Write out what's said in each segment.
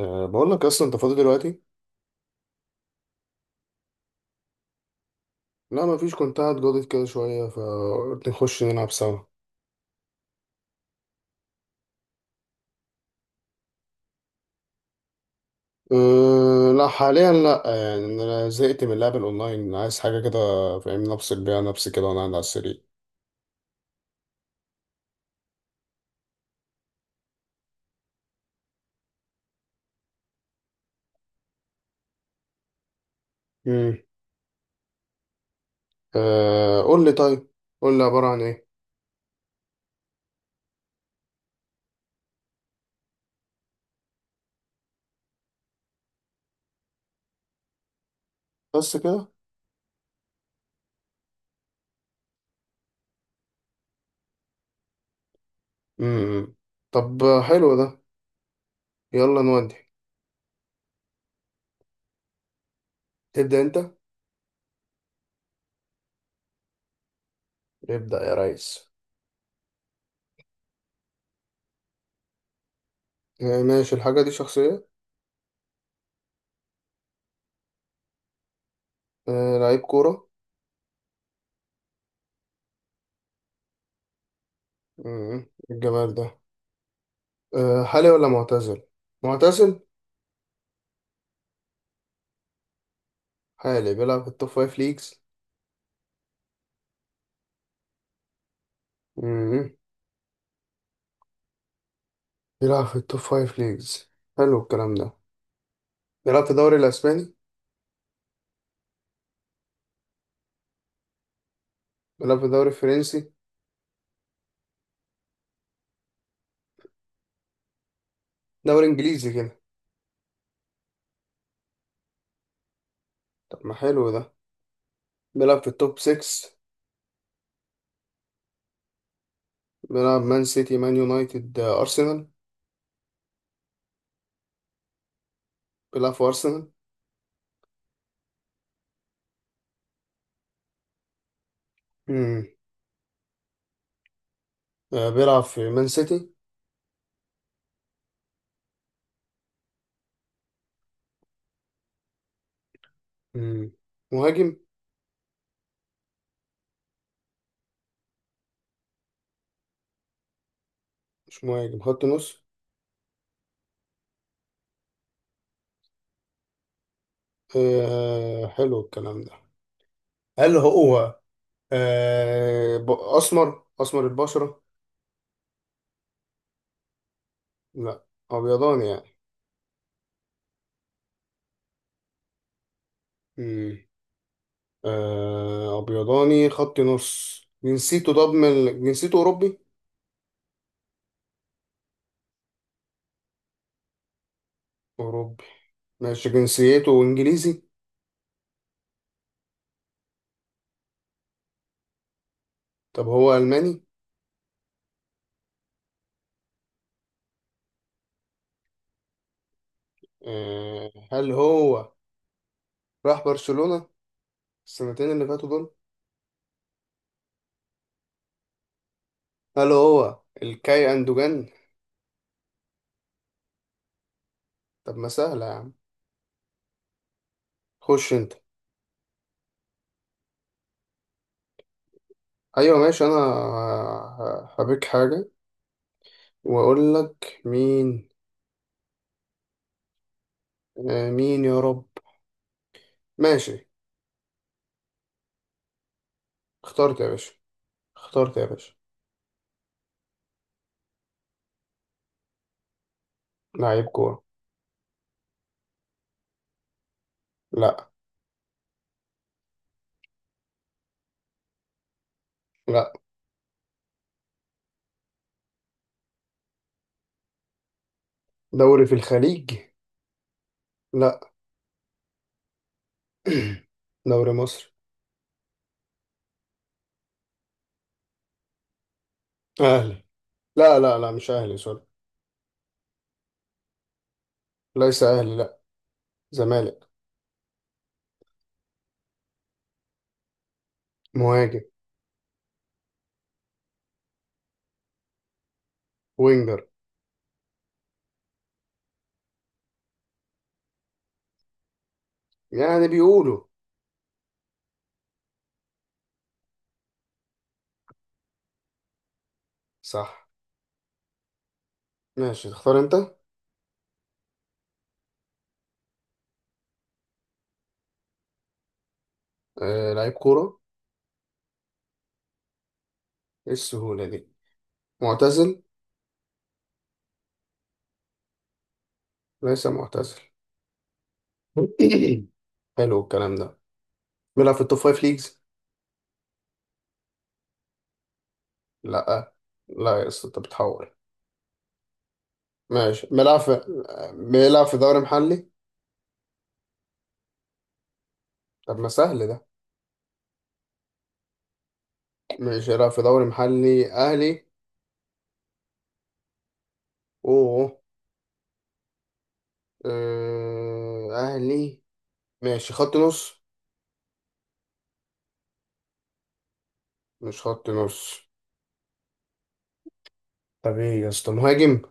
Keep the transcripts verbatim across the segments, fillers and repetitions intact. أه بقول لك اصلا انت فاضي دلوقتي. لا، ما فيش، كنت قاعد جاضد كده شويه فقلت نخش نلعب سوا. أه لا حاليا، لا يعني انا زهقت من اللعب الاونلاين، عايز حاجه كده فاهم، نفصل بيها نفسي كده وانا قاعد على السرير. امم. أه قول لي طيب، قول لي عباره عن ايه؟ بس كده. امم. طب حلو ده. يلا نودي. تبدا انت. ابدا يا ريس. أه ماشي، الحاجه دي شخصيه. أه لعيب كوره. امم الجمال ده. أه حالي ولا معتزل؟ معتزل. حالي بيلعب في التوب فايف ليجز. مم. بيلعب في التوب فايف ليجز. حلو الكلام ده. بيلعب في الدوري الأسباني. بيلعب في الدوري الفرنسي. دوري إنجليزي كده. طب ما حلو ده. بيلعب في التوب ستة. بيلعب مان سيتي مان يونايتد، آه، أرسنال. بيلعب في أرسنال. مم. آه، بيلعب في مان سيتي. مم. مهاجم. مش مهاجم، خط نص. آه حلو الكلام ده. هل هو آه ب- أسمر أسمر البشرة؟ لا. أبيضاني يعني. مم. آه، أبيضاني خط نص، جنسيته، طب من ال- جنسيته أوروبي؟ أوروبي. ماشي، جنسيته إنجليزي. طب هو ألماني؟ آه، هل هو راح برشلونة السنتين اللي فاتوا دول؟ هل هو الكاي أندوجان؟ طب ما سهلة يا عم. خش أنت. أيوة، ماشي، أنا ه- هبيك حاجة وأقول لك مين. آه، مين يا رب. ماشي، اخترت يا باشا. اخترت يا باشا. لعيب كورة. لا. لا، دوري في الخليج. لا. دوري مصر. اهلي. لا لا لا، مش اهلي، سوري. ليس اهلي، لا. زمالك. مهاجم. وينجر. يعني بيقولوا. صح. ماشي، تختار انت. آه لعيب كورة. ايه السهولة دي؟ معتزل. ليس معتزل. حلو الكلام ده. بيلعب في التوب فايف ليجز. لا. لا يا اسطى انت بتحور. ماشي، بيلعب في بيلعب في دوري محلي. طب ما سهل ده. ماشي، بيلعب في دوري محلي اهلي. اوه. آه، اهلي. ماشي، خط نص. مش خط نص. طب ايه يا اسطى، مهاجم؟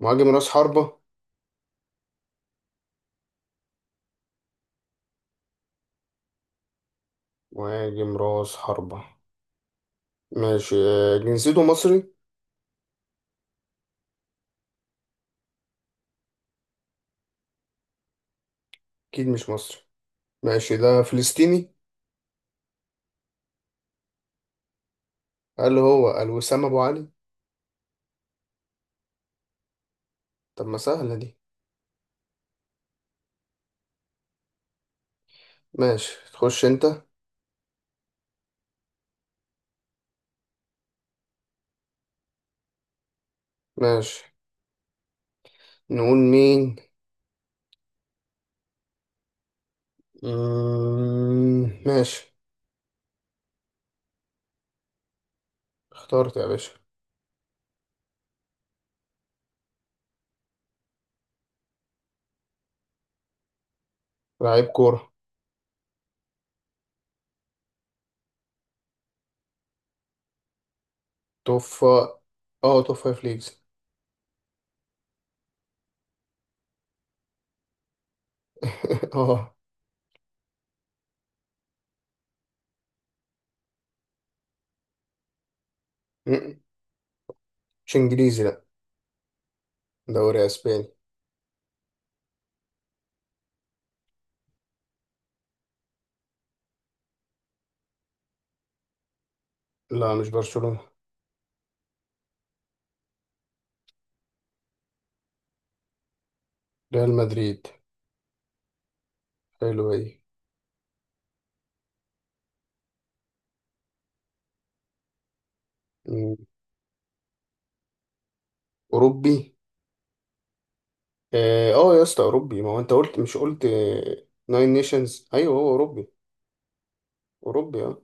مهاجم راس حربة. مهاجم راس حربة. ماشي، آه، جنسيته مصري. اكيد مش مصري. ماشي، ده فلسطيني. قال هو الوسام ابو علي. طب ما سهلة دي. ماشي، تخش انت. ماشي، نقول مين. مم، ماشي. اخترت يا باشا. لعيب كورة. توفى. اه توب فايف ليجز. اه. م- مش انجليزي، لا. دوري اسباني. لا، مش برشلونة. ريال مدريد. حلو ايه. اوروبي اه. آه يا اسطى اوروبي، ما هو انت قلت، مش قلت ناين نيشنز؟ ايوه هو اوروبي. اوروبي اه.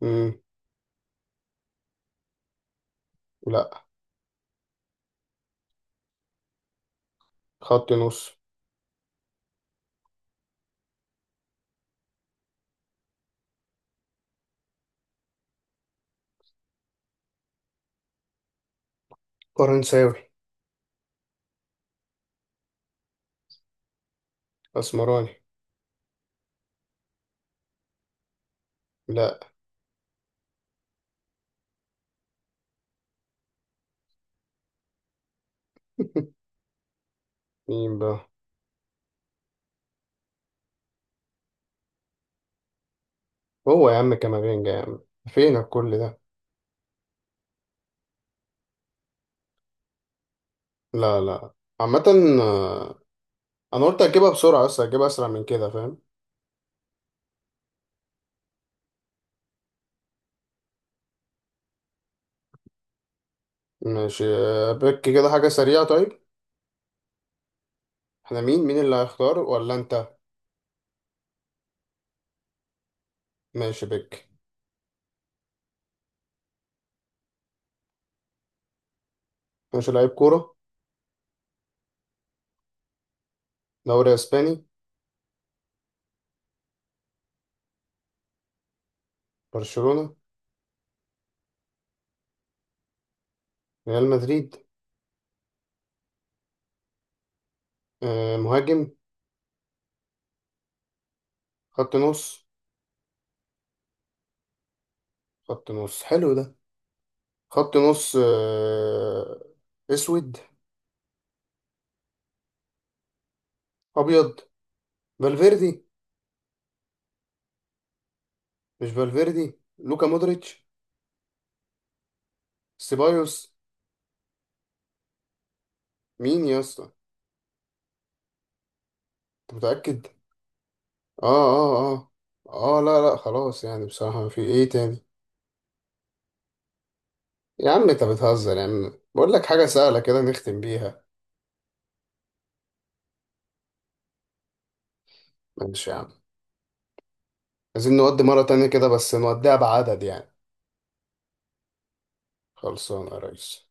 مم. لا. خط نص. فرنساوي. اسمراني. لا. مين بقى؟ هو يا عم كامافينجا يا عم. فينك كل ده؟ لا لا. عامة، آه، انا قلت اجيبها بسرعة بس اجيبها اسرع من كده فاهم. ماشي، آه، بك كده حاجة سريعة طيب. احنا مين مين اللي هيختار ولا انت؟ ماشي بك. ماشي، لعيب كورة. دوري اسباني. برشلونة. ريال مدريد. آه مهاجم. خط نص. خط نص حلو ده. خط نص. آه اسود. ابيض. فالفيردي. مش فالفيردي، لوكا مودريتش. سيبايوس. مين يا اسطى؟ انت متأكد؟ اه اه اه. اه، لا لا خلاص يعني، بصراحة في ايه تاني؟ يا عم انت بتهزر، يا عم بقول لك حاجة سهلة كده نختم بيها. ماشي يا عم. عايزين نودي مرة تانية كده، بس نوديها بعدد يعني. خلصانة يا ريس.